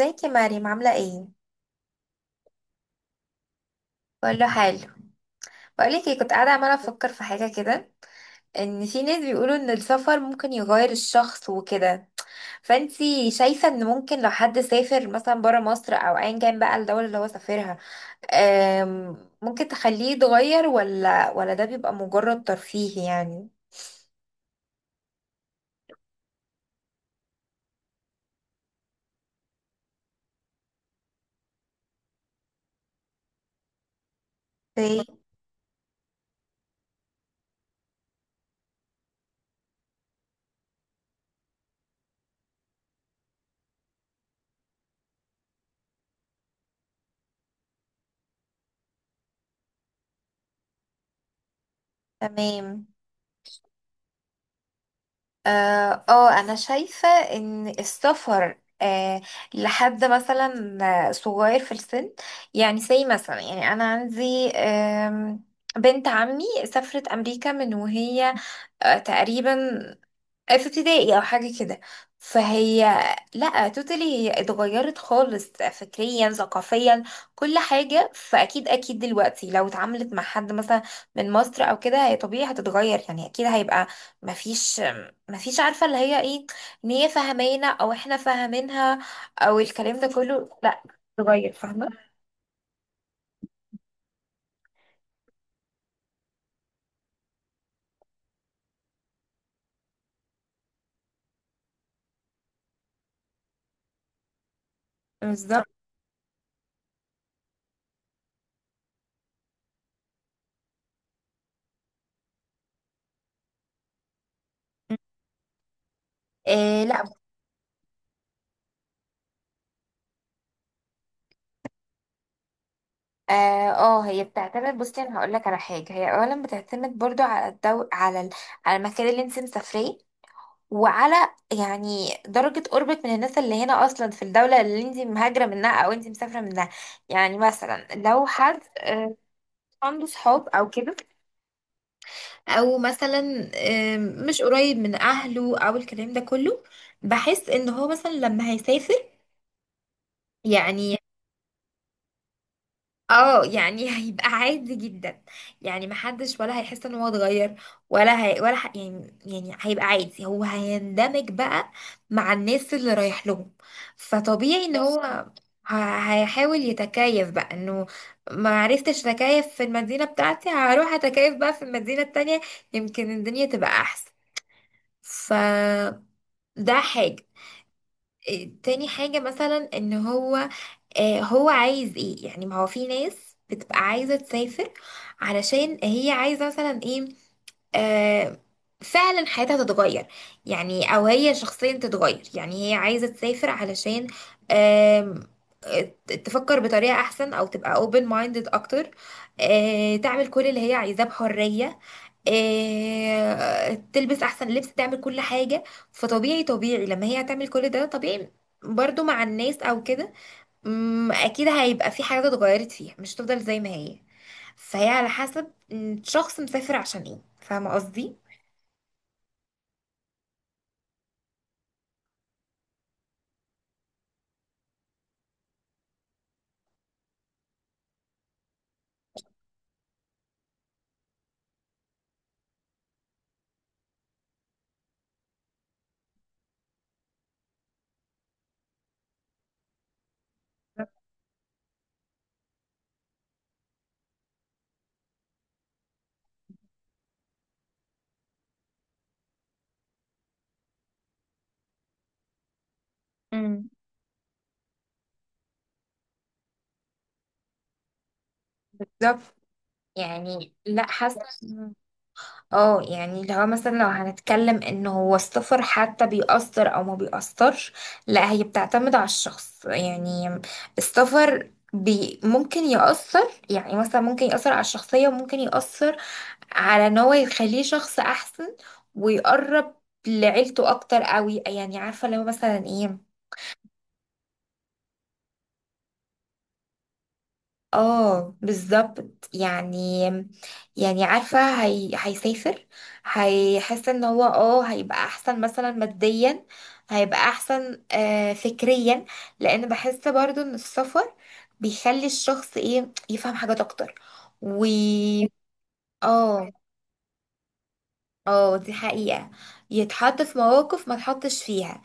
ازيك يا مريم عاملة ايه؟ بقول له حلو. بقولك ايه، كنت قاعدة عمالة افكر في حاجة كده، ان في ناس بيقولوا ان السفر ممكن يغير الشخص وكده. فانتي شايفة ان ممكن لو حد سافر مثلا برا مصر او ايا كان بقى الدولة اللي هو سافرها، ممكن تخليه يتغير ولا ده بيبقى مجرد ترفيه يعني؟ اوكي، تمام. انا شايفة ان السفر لحد مثلا صغير في السن، يعني زي مثلا، يعني انا عندي بنت عمي سافرت امريكا من وهي تقريبا في ابتدائي او حاجه كده. فهي لا، توتالي هي اتغيرت خالص فكريا ثقافيا كل حاجه. فاكيد اكيد دلوقتي لو اتعاملت مع حد مثلا من مصر او كده، هي طبيعي هتتغير، يعني اكيد هيبقى مفيش مفيش عارفه اللي هي ايه، ان هي فاهمانا او احنا فاهمينها او الكلام ده كله، لا، اتغير، فاهمه. بالظبط. إيه، لا. هي بتعتمد، بصي انا هقول لك على حاجه، هي اولا بتعتمد برضو على على المكان اللي انت مسافريه، وعلى يعني درجه قربك من الناس اللي هنا اصلا في الدوله اللي انت مهاجره منها او انت مسافره منها. يعني مثلا لو حد عنده صحاب او كده، او مثلا مش قريب من اهله او الكلام ده كله، بحس ان هو مثلا لما هيسافر يعني، اه يعني هيبقى عادي جدا، يعني محدش ولا هيحس ان هو اتغير، ولا هي، يعني، يعني هيبقى عادي. هو هيندمج بقى مع الناس اللي رايح لهم، فطبيعي ان هو هيحاول يتكيف بقى، انه ما عرفتش اتكيف في المدينة بتاعتي، هروح اتكيف بقى في المدينة التانية، يمكن الدنيا تبقى احسن. فده حاجة. إيه، تاني حاجة مثلا، ان هو هو عايز ايه يعني. ما هو في ناس بتبقى عايزة تسافر علشان هي عايزة مثلا ايه، آه، فعلا حياتها تتغير يعني، او هي شخصيا تتغير. يعني هي عايزة تسافر علشان آم، آه، تفكر بطريقة احسن، او تبقى open minded اكتر، تعمل كل اللي هي عايزاه بحرية، تلبس احسن لبس، تعمل كل حاجة. فطبيعي، طبيعي لما هي هتعمل كل ده، طبيعي برضو مع الناس او كده، اكيد هيبقى في حاجات اتغيرت فيها، مش هتفضل زي ما هي. فهي على حسب، الشخص مسافر عشان ايه، فاهمه قصدي. امم. بالظبط، يعني لا حاسه بس. اه، يعني اللي هو مثلا لو هنتكلم ان هو السفر حتى بيأثر او ما بيأثرش، لا هي بتعتمد على الشخص يعني. السفر بي ممكن يأثر، يعني مثلا ممكن يأثر على الشخصية، وممكن يأثر على ان هو يخليه شخص احسن ويقرب لعيلته اكتر قوي. يعني عارفة لو مثلا ايه، اه بالظبط يعني. يعني عارفة، هي... هيسافر، هيحس ان هو اه هيبقى احسن مثلا ماديا، هيبقى احسن فكريا، لان بحس برضو ان السفر بيخلي الشخص ايه، يفهم حاجات اكتر و، اه. اه دي حقيقة. يتحط في مواقف ما تحطش فيها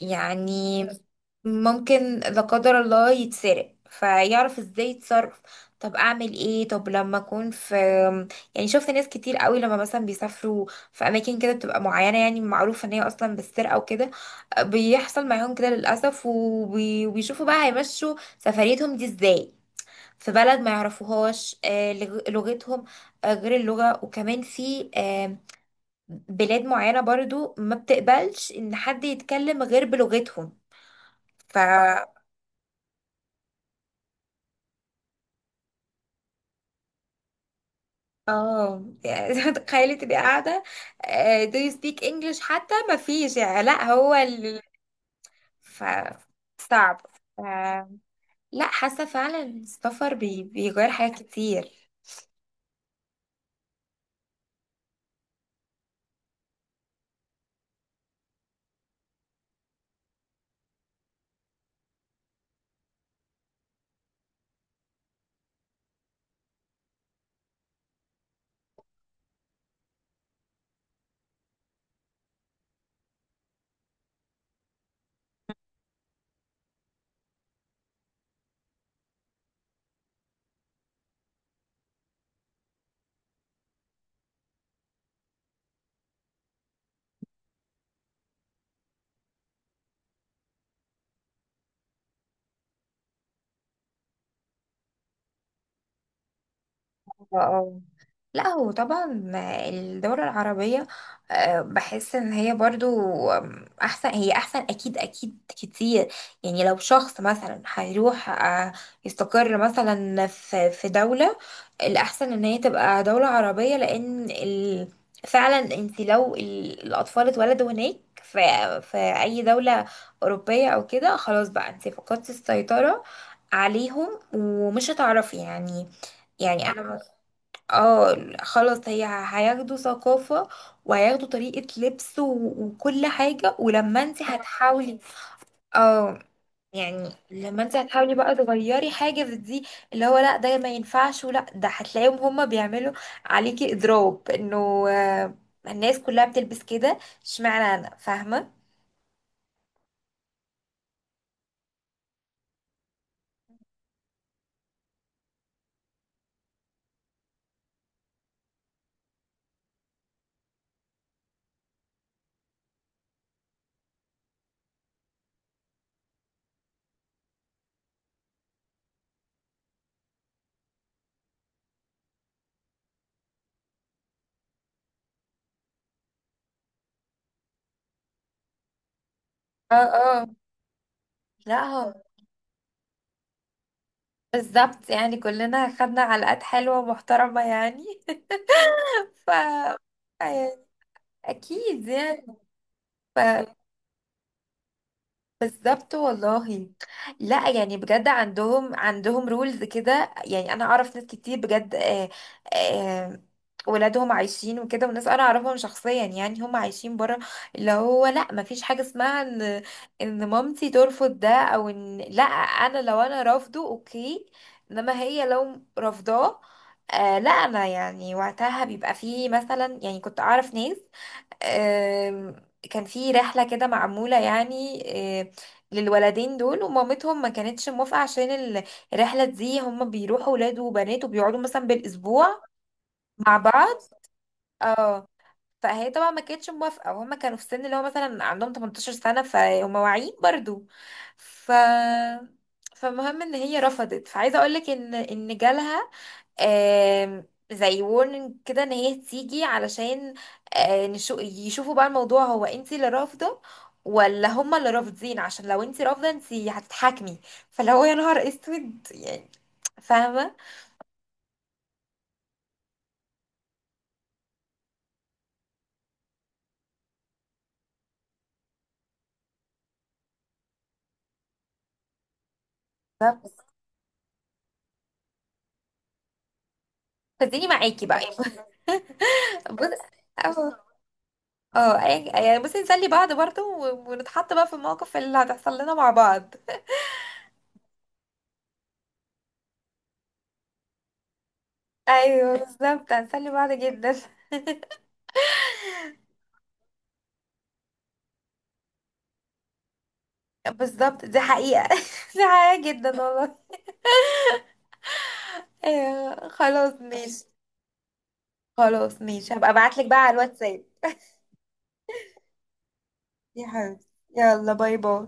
يعني. ممكن لا قدر الله يتسرق فيعرف ازاي يتصرف، طب اعمل ايه، طب لما اكون في. يعني شفت ناس كتير قوي لما مثلا بيسافروا في اماكن كده بتبقى معينه، يعني معروفه ان هي اصلا بالسرقه وكده، بيحصل معاهم كده للاسف، وبيشوفوا بقى هيمشوا سفريتهم دي ازاي في بلد ما يعرفوهاش لغتهم، غير اللغه، وكمان في بلاد معينه برضو ما بتقبلش ان حد يتكلم غير بلغتهم. ف، اه يعني تخيلي تبقي قاعدة، do you speak English، حتى ما فيش، يعني لا هو ال... ف... صعب. ف... لا حاسة فعلا السفر بي... بيغير حاجات كتير. اه، لا هو طبعا الدولة العربية بحس ان هي برضو احسن، هي احسن اكيد، اكيد كتير. يعني لو شخص مثلا هيروح يستقر مثلا في دولة، الاحسن ان هي تبقى دولة عربية، لان ال... فعلا انت لو الاطفال اتولدوا هناك في في اي دولة اوروبية او كده، خلاص بقى انت فقدتي السيطرة عليهم، ومش هتعرفي يعني. يعني انا، اه خلاص، هي هياخدوا ثقافة، وهياخدوا طريقة لبس وكل حاجة. ولما انت هتحاولي، اه يعني لما انت هتحاولي بقى تغيري حاجة في دي، اللي هو لا ده ما ينفعش، ولا ده هتلاقيهم هما بيعملوا عليكي اضراب، انه الناس كلها بتلبس كده اشمعنى انا، فاهمة. اه اه. لا هو، بالظبط يعني، كلنا خدنا علقات حلوة ومحترمة يعني ف، يعني اكيد يعني. ف- بالظبط والله. لا يعني بجد، عندهم رولز كده، يعني انا اعرف ناس كتير بجد آه، آه، ولادهم عايشين وكده، وناس انا اعرفهم شخصيا يعني هم عايشين بره، اللي هو لا ما فيش حاجه اسمها ان ان مامتي ترفض ده، او ان لا انا لو انا رافضه اوكي، انما هي لو رافضاه، آه لا انا يعني وقتها بيبقى فيه. مثلا يعني كنت اعرف ناس، آم، كان في رحلة كده معمولة يعني، آه، للولدين دول، ومامتهم ما كانتش موافقة عشان الرحلة دي هم بيروحوا ولاد وبنات وبيقعدوا مثلا بالأسبوع مع بعض. اه فهي طبعا ما كانتش موافقه، وهم كانوا في السن اللي هو مثلا عندهم 18 سنه، فهم واعيين برضو. ف، فمهم ان هي رفضت، فعايزه اقول لك ان ان جالها آم، زي وورنينج كده، ان هي تيجي علشان يشوفوا بقى الموضوع، هو انت اللي رافضه ولا هما اللي رافضين، عشان لو انت رافضه انت هتتحاكمي. فلو هو، يا نهار اسود يعني، فاهمه. بالظبط. فاديني معاكي بقى بص- أهو. اه، يعني بس نسلي بعض برضه ونتحط بقى في المواقف اللي هتحصل لنا مع بعض. ايوه بالظبط، هنسلي بعض جدا. بالظبط دي حقيقة دي حقيقة جدا والله. ايوه خلاص ماشي. خلاص ماشي، هبقى ابعتلك بقى على الواتساب يا حبيبتي. يلا باي باي.